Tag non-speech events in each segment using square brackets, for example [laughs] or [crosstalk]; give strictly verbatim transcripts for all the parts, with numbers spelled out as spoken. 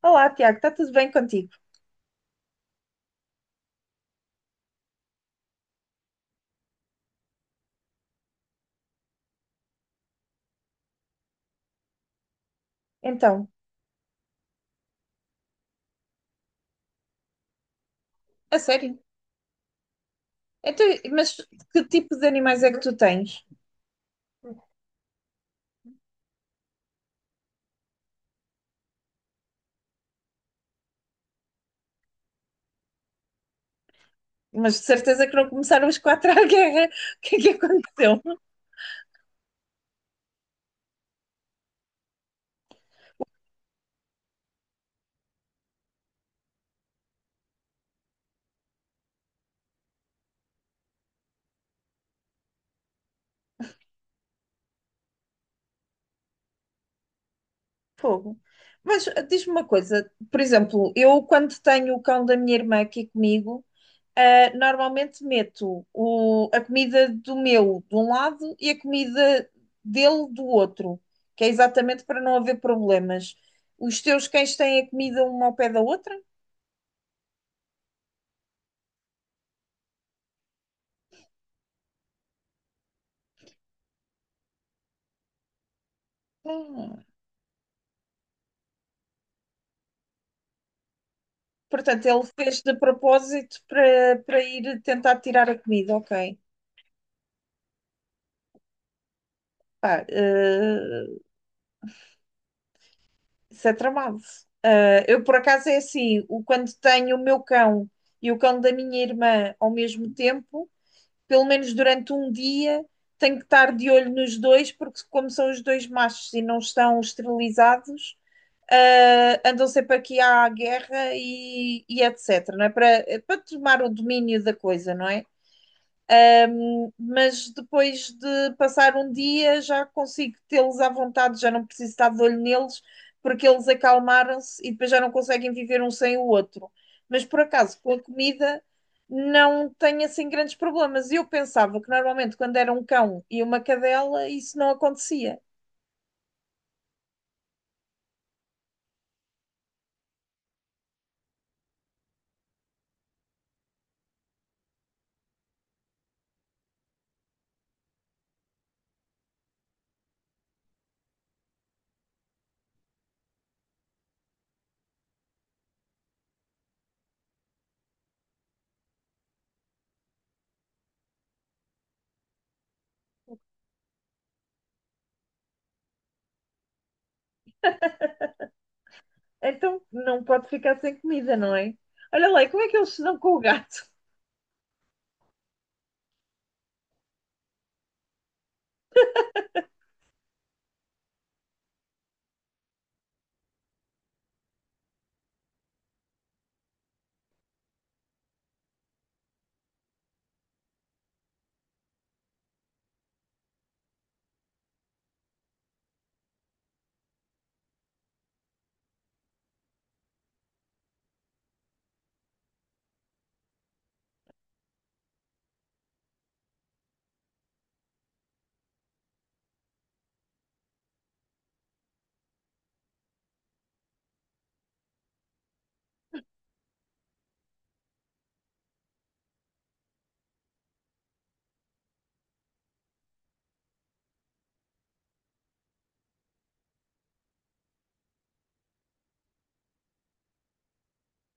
Olá, Tiago, está tudo bem contigo? Então, a sério? Então, mas que tipo de animais é que tu tens? Mas de certeza que não começaram os quatro à guerra. O que é que aconteceu? Fogo. Mas ah, diz-me uma coisa, por exemplo, eu quando tenho o cão da minha irmã aqui comigo, ah, normalmente meto o- a comida do meu de um lado e a comida dele do outro, que é exatamente para não haver problemas. Os teus cães têm a comida uma ao pé da outra? Hum. Portanto, ele fez de propósito para, para ir tentar tirar a comida, ok. Pá, ah, isso é tramado. Eu, por acaso, é assim, o, quando tenho o meu cão e o cão da minha irmã ao mesmo tempo, pelo menos durante um dia, tenho que estar de olho nos dois, porque como são os dois machos e não estão esterilizados, ah, andam sempre aqui à guerra e, e etc, não é? Para, para tomar o domínio da coisa, não é? Mas depois de passar um dia já consigo tê-los à vontade, já não preciso estar de olho neles, porque eles acalmaram-se e depois já não conseguem viver um sem o outro. Mas por acaso, com a comida, não tenho assim grandes problemas. Eu pensava que normalmente quando era um cão e uma cadela, isso não acontecia. Então não pode ficar sem comida, não é? Olha lá, e como é que eles se dão com o gato?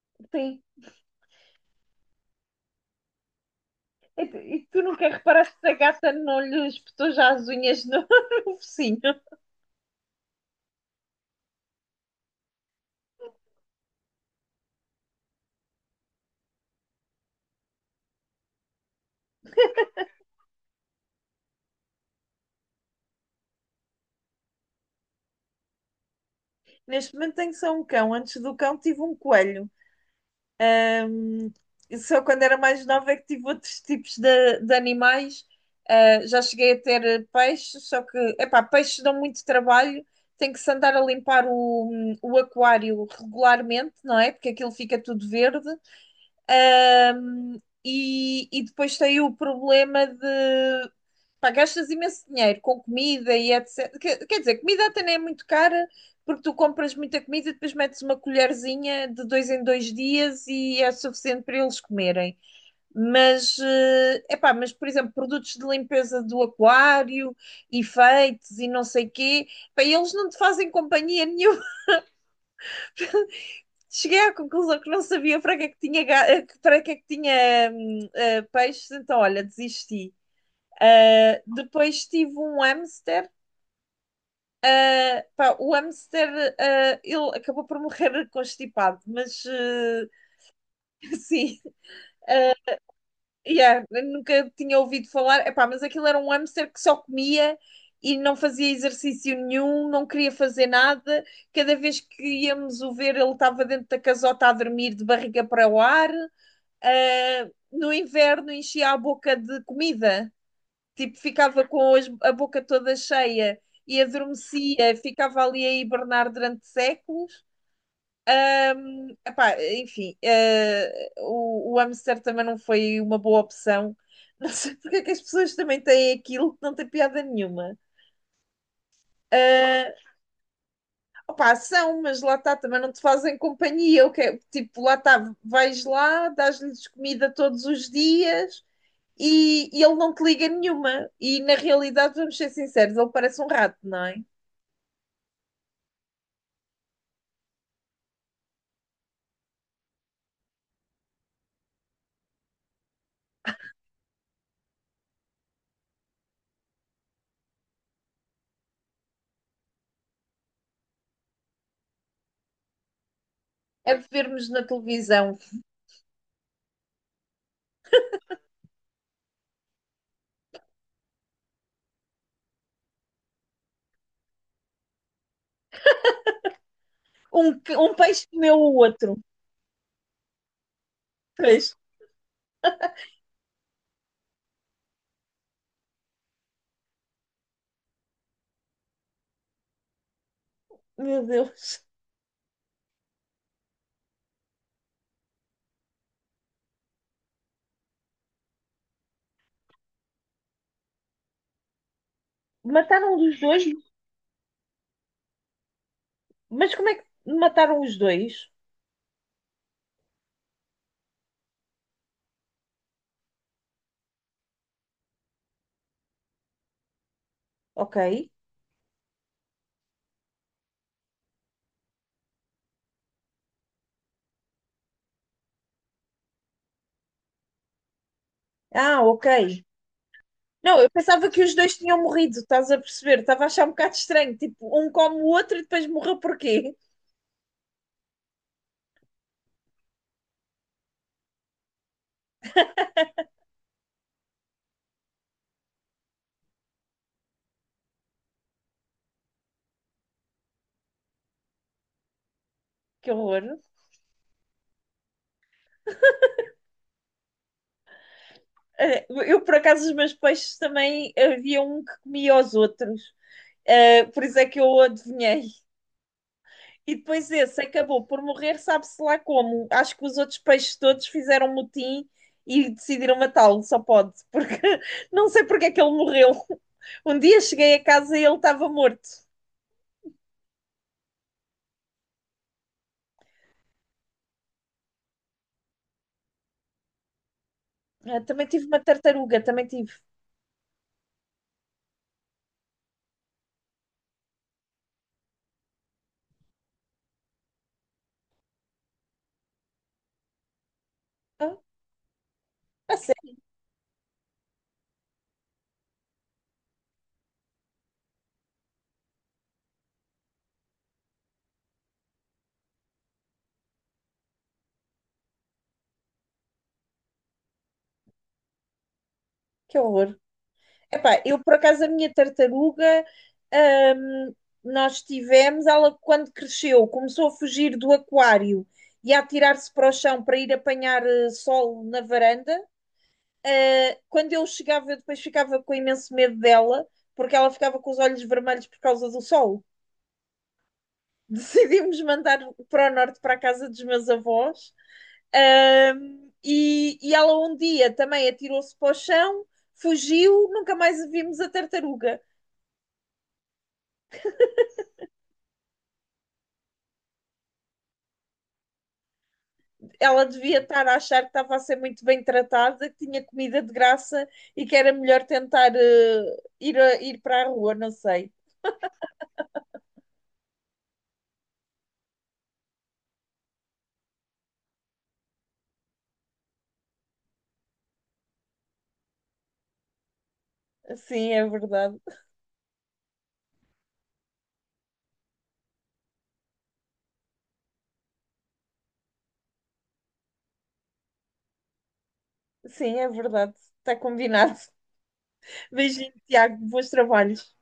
[laughs] Sim. E tu e tu nunca reparaste se a gata não lhe espetou já as unhas no [laughs] no focinho? Neste momento tenho só um cão. Antes do cão tive um coelho. Hum. E só quando era mais nova é que tive outros tipos de, de animais. Ah, já cheguei a ter peixes, só que, epá, peixes dão muito trabalho. Tem que se andar a limpar o, hum, o aquário regularmente, não é? Porque aquilo fica tudo verde. Ahm, e, e depois tem o problema de pá, gastas imenso dinheiro com comida e etecetera. Quer, quer dizer, comida até nem é muito cara, porque tu compras muita comida e depois metes uma colherzinha de dois em dois dias e é suficiente para eles comerem. Mas, é pá, mas por exemplo, produtos de limpeza do aquário, efeitos e não sei quê, pá, eles não te fazem companhia nenhuma. Cheguei à conclusão que não sabia para que é que tinha, ga- eh, que- para que é que tinha hum, eh, peixes, então olha, desisti. Ah, depois tive um hamster. Ah, pá, o hamster, ah, ele acabou por morrer [laughs] constipado, mas ah, [laughs] sim, ah, yeah, nunca tinha ouvido falar. Epá, mas aquilo era um hamster que só comia e não fazia exercício nenhum, não queria fazer nada. Cada vez que íamos o ver, ele estava dentro da casota a dormir de barriga para o ar. Ah, no inverno enchia a boca de comida, tipo, ficava com as- a boca toda cheia e adormecia, ficava ali a hibernar durante séculos. Epá, enfim, ah, o, o hamster também não foi uma boa opção. [laughs] Não sei porque é que as pessoas também têm aquilo que não tem piada nenhuma. Ah, opá, são, mas lá está, também não te fazem companhia. O que é- tipo, lá está, vais lá, dás-lhes comida todos os dias, e, e ele não te liga nenhuma. E na realidade, vamos ser sinceros, ele parece um rato, não é? É de vermos na televisão um, um peixe comeu o outro. Peixe, meu Deus. Mataram os dois, mas como é que mataram os dois? Ok. Ah, ok. Não, eu pensava que os dois tinham morrido, estás a perceber? Estava a achar um bocado estranho. Tipo, um come o outro e depois morreu porquê? Que horror. Eh, Eu, por acaso, os meus peixes também havia um que comia os outros. Uh, por isso é que eu o adivinhei. E depois esse acabou por morrer, sabe-se lá como. Acho que os outros peixes todos fizeram motim e decidiram matá-lo, só pode, porque [laughs] não sei porque é que ele morreu. Um dia cheguei a casa e ele estava morto. Ah, também tive uma tartaruga, também tive. Ah, a sério, que horror. Epá, eu por acaso a minha tartaruga, hum, nós tivemos, ela quando cresceu começou a fugir do aquário e a atirar-se para o chão para ir apanhar eh, sol na varanda. Eh, quando eu chegava, eu depois ficava com imenso medo dela, porque ela ficava com os olhos vermelhos por causa do sol. [laughs] Decidimos mandar para o norte, para a casa dos meus avós. Hum, e, e ela um dia também atirou-se para o chão, fugiu, nunca mais a vimos a tartaruga. Ela devia estar a achar que estava a ser muito bem tratada, que tinha comida de graça e que era melhor tentar eh, ir, a- ir para a rua, não sei. Sim, é verdade. Sim, é verdade. Está combinado. [laughs] Beijinho, Tiago. Bons trabalhos.